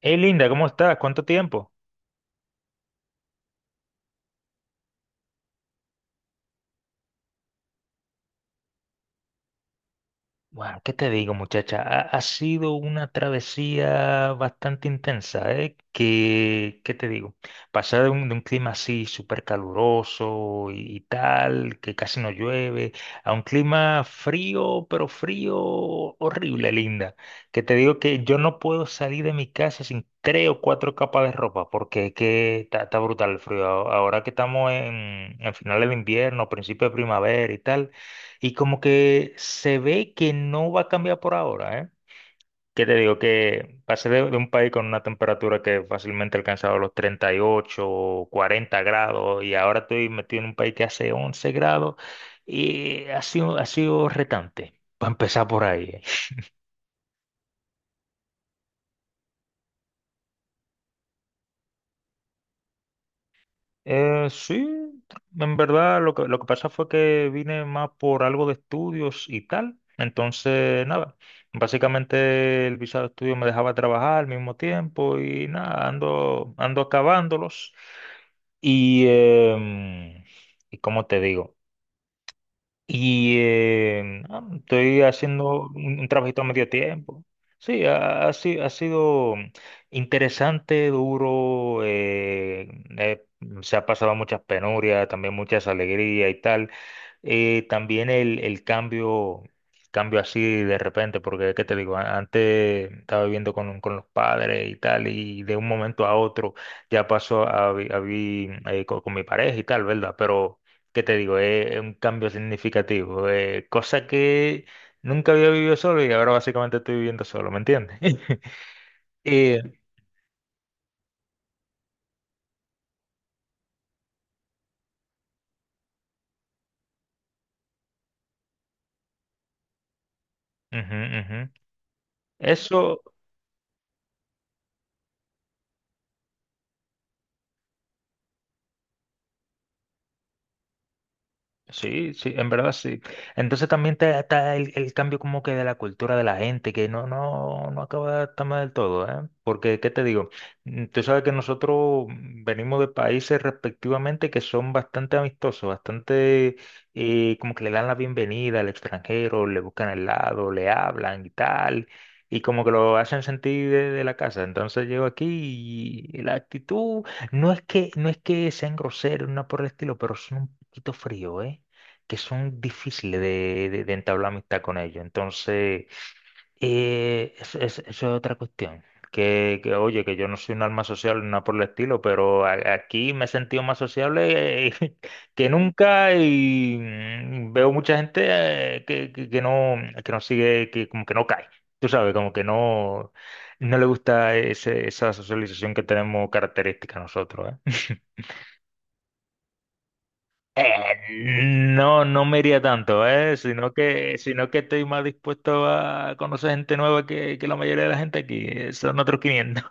Hey Linda, ¿cómo estás? ¿Cuánto tiempo? Bueno, ¿qué te digo, muchacha? Ha sido una travesía bastante intensa, ¿eh? ¿Qué te digo? Pasar de un clima así súper caluroso y tal, que casi no llueve, a un clima frío, pero frío horrible, Linda. Que te digo que yo no puedo salir de mi casa sin tres o cuatro capas de ropa, porque es que está brutal el frío. Ahora que estamos en finales de invierno, principio de primavera y tal. Y como que se ve que no va a cambiar por ahora, ¿eh? ¿Qué te digo? Que pasé de un país con una temperatura que fácilmente alcanzaba los 38 o 40 grados y ahora estoy metido en un país que hace 11 grados y ha sido retante, para empezar por ahí, ¿eh? Sí, en verdad lo lo que pasa fue que vine más por algo de estudios y tal. Entonces, nada, básicamente el visado de estudio me dejaba trabajar al mismo tiempo y nada, ando acabándolos. Y, em, y como te digo, estoy haciendo un trabajito a medio tiempo. Sí, ha, ha si- ha sido interesante, duro. Eh, Se ha pasado muchas penurias, también muchas alegrías y tal. También el cambio, cambio así de repente, porque, ¿qué te digo? Antes estaba viviendo con los padres y tal, y de un momento a otro ya pasó a, a vivir con mi pareja y tal, ¿verdad? Pero ¿qué te digo? Es un cambio significativo, cosa que nunca había vivido solo y ahora básicamente estoy viviendo solo, ¿me entiendes? Y ujú, ujú. Eso. Sí, sí, en verdad sí. Entonces también está el cambio como que de la cultura de la gente, que no acaba de estar mal del todo, ¿eh? Porque, ¿qué te digo? Tú sabes que nosotros venimos de países respectivamente que son bastante amistosos, bastante, como que le dan la bienvenida al extranjero, le buscan el lado, le hablan y tal, y como que lo hacen sentir de la casa. Entonces llego aquí y la actitud no es que sean groseros, no por el estilo, pero son un poquito fríos, ¿eh? Que son difíciles de entablar amistad con ellos. Entonces, eso es otra cuestión. Oye, que yo no soy un alma social ni nada por el estilo, pero aquí me he sentido más sociable, que nunca, y veo mucha gente, que no sigue, que como que no cae. Tú sabes, como que no le gusta esa socialización que tenemos característica nosotros, ¿eh? No, no me iría tanto, sino que estoy más dispuesto a conocer gente nueva que la mayoría de la gente aquí. Son otros 500.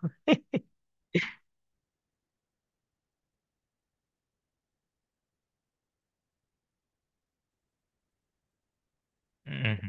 Ujú.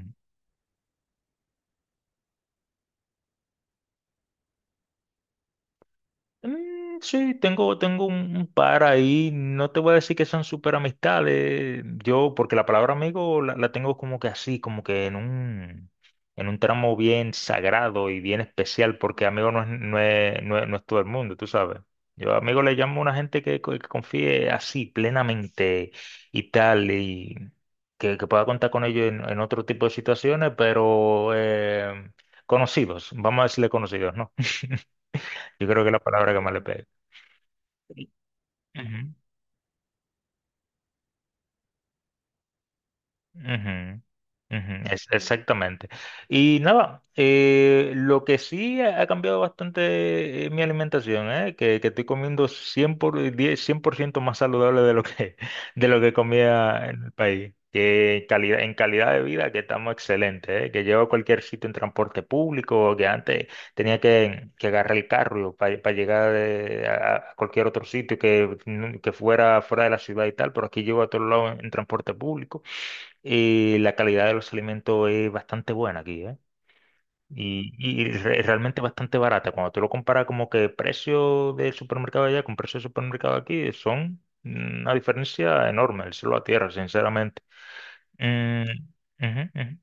Sí, tengo un par ahí. No te voy a decir que son súper amistades. Yo, porque la palabra amigo la tengo como que así, como que en un tramo bien sagrado y bien especial, porque amigo no es todo el mundo, tú sabes. Yo amigo le llamo a una gente que confíe así, plenamente y tal, y que pueda contar con ellos en otro tipo de situaciones, pero, conocidos, vamos a decirle conocidos, ¿no? Yo creo que es la palabra que más le pega. Ujú. Ujú, ujú, exactamente. Y nada, lo que sí ha cambiado bastante, mi alimentación, que estoy comiendo 100% más saludable de lo que, de lo que comía en el país. Que calidad, en calidad de vida que estamos excelentes, que llevo a cualquier sitio en transporte público, que antes tenía que agarrar el carro para llegar a cualquier otro sitio que fuera fuera de la ciudad y tal, pero aquí llego a todos lados en transporte público. La calidad de los alimentos es bastante buena aquí, ¿eh? Y, realmente bastante barata. Cuando tú lo comparas como que precio del supermercado allá con precio del supermercado aquí, son una diferencia enorme, el cielo a tierra, sinceramente. Mm, ujú, ujú.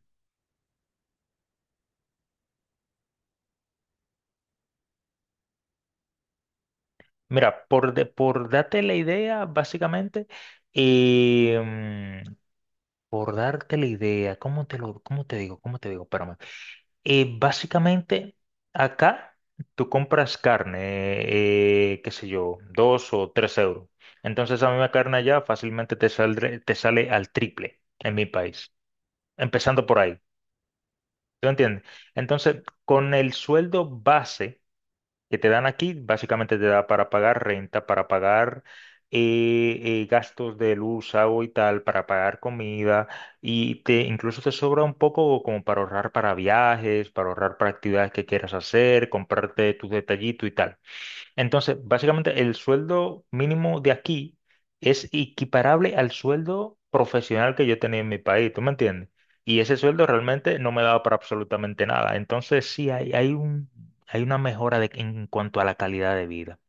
Mira, por darte la idea, básicamente, eh, mm, por darte la idea, cómo te digo? ¿Cómo te digo? Espérame. Básicamente, acá tú compras carne, qué sé yo, 2 o 3 euros. Entonces, a mí la carne allá fácilmente te sale al triple en mi país, empezando por ahí. ¿Tú entiendes? Entonces, con el sueldo base que te dan aquí, básicamente te da para pagar renta, para pagar, gastos de luz, agua y tal, para pagar comida, y te incluso te sobra un poco como para ahorrar para viajes, para ahorrar para actividades que quieras hacer, comprarte tus detallitos y tal. Entonces, básicamente el sueldo mínimo de aquí es equiparable al sueldo profesional que yo tenía en mi país, ¿tú me entiendes? Y ese sueldo realmente no me daba para absolutamente nada. Entonces, sí, hay una mejora en cuanto a la calidad de vida,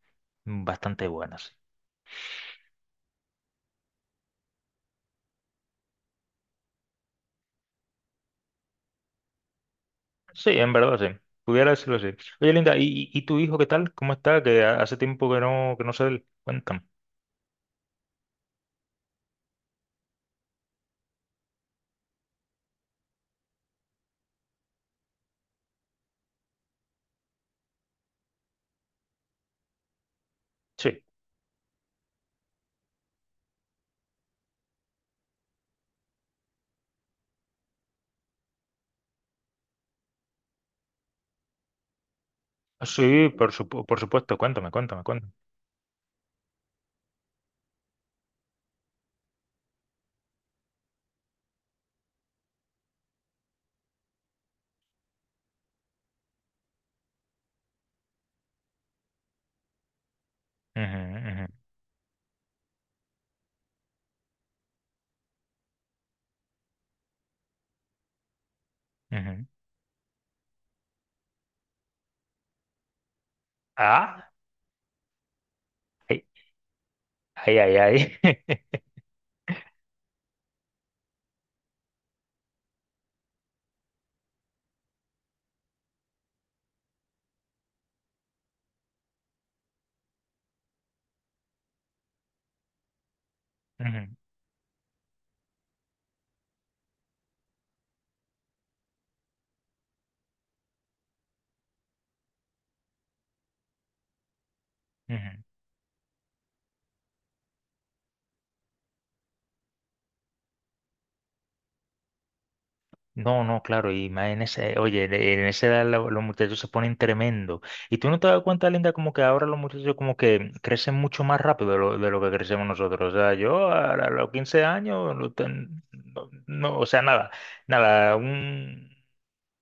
bastante buena, sí. Sí, en verdad, sí. Pudiera decirlo así. Oye, Linda, y tu hijo qué tal? ¿Cómo está? Que hace tiempo que que no se le... Cuéntame. Sí. Sí, por supuesto, cuéntame, cuéntame, cuéntame. Ujú, ujú, ujú. Ah. Ay, ay, ay. Ujú, ujú. No, no, claro, y más en ese, oye, en esa edad, los muchachos se ponen tremendo. Y tú no te das cuenta, Linda, como que ahora los muchachos como que crecen mucho más rápido de de lo que crecemos nosotros. O sea, yo a los 15 años, no, no, o sea, nada, nada, un,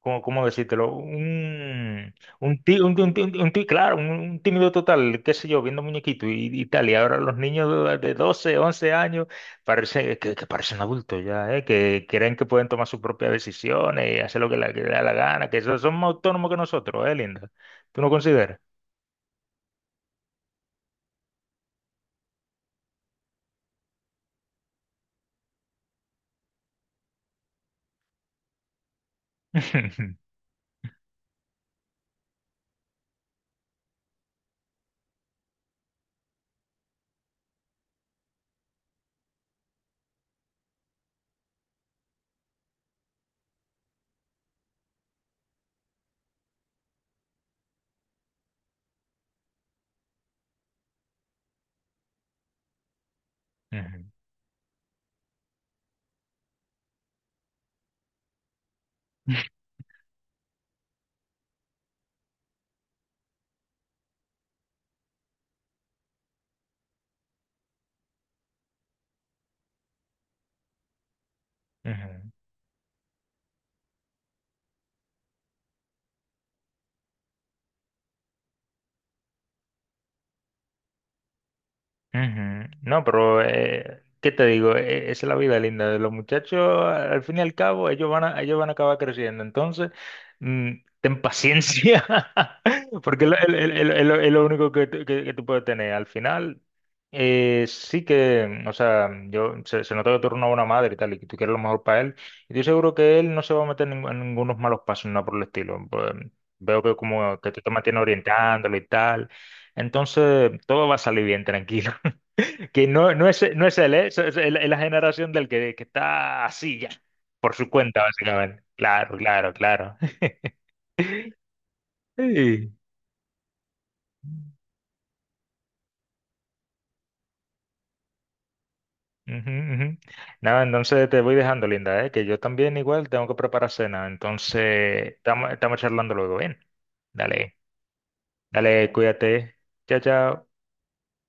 ¿cómo decírtelo? Claro, un tímido total, qué sé yo, viendo muñequitos y tal. Y ahora los niños de 12, 11 años parece, que parecen adultos ya, ¿eh? Que creen que pueden tomar sus propias decisiones y hacer lo que les da la gana, que son más autónomos que nosotros, ¿eh, Linda? ¿Tú no consideras? Ujú, ujú. Ujú. No, pero, ¿qué te digo? Esa es la vida linda de los muchachos. Al fin y al cabo, ellos van a acabar creciendo. Entonces, mm, ten paciencia, porque es lo único que tú puedes tener. Al final, sí que, o sea, yo se nota que tú eres una buena madre y tal, y que tú quieres lo mejor para él. Y estoy seguro que él no se va a meter en ningunos malos pasos, nada por el estilo. Pues, veo que como que tú te mantienes orientándolo y tal. Entonces, todo va a salir bien, tranquilo. Que no, no es él, ¿eh? So, es la generación que está así ya, por su cuenta, básicamente. Claro, claro, claro. Sí. Ujú, ujú. Nada, entonces te voy dejando, Linda, ¿eh? Que yo también igual tengo que preparar cena. Entonces, estamos charlando luego, ¿bien? Dale, dale, cuídate. Chao, chao.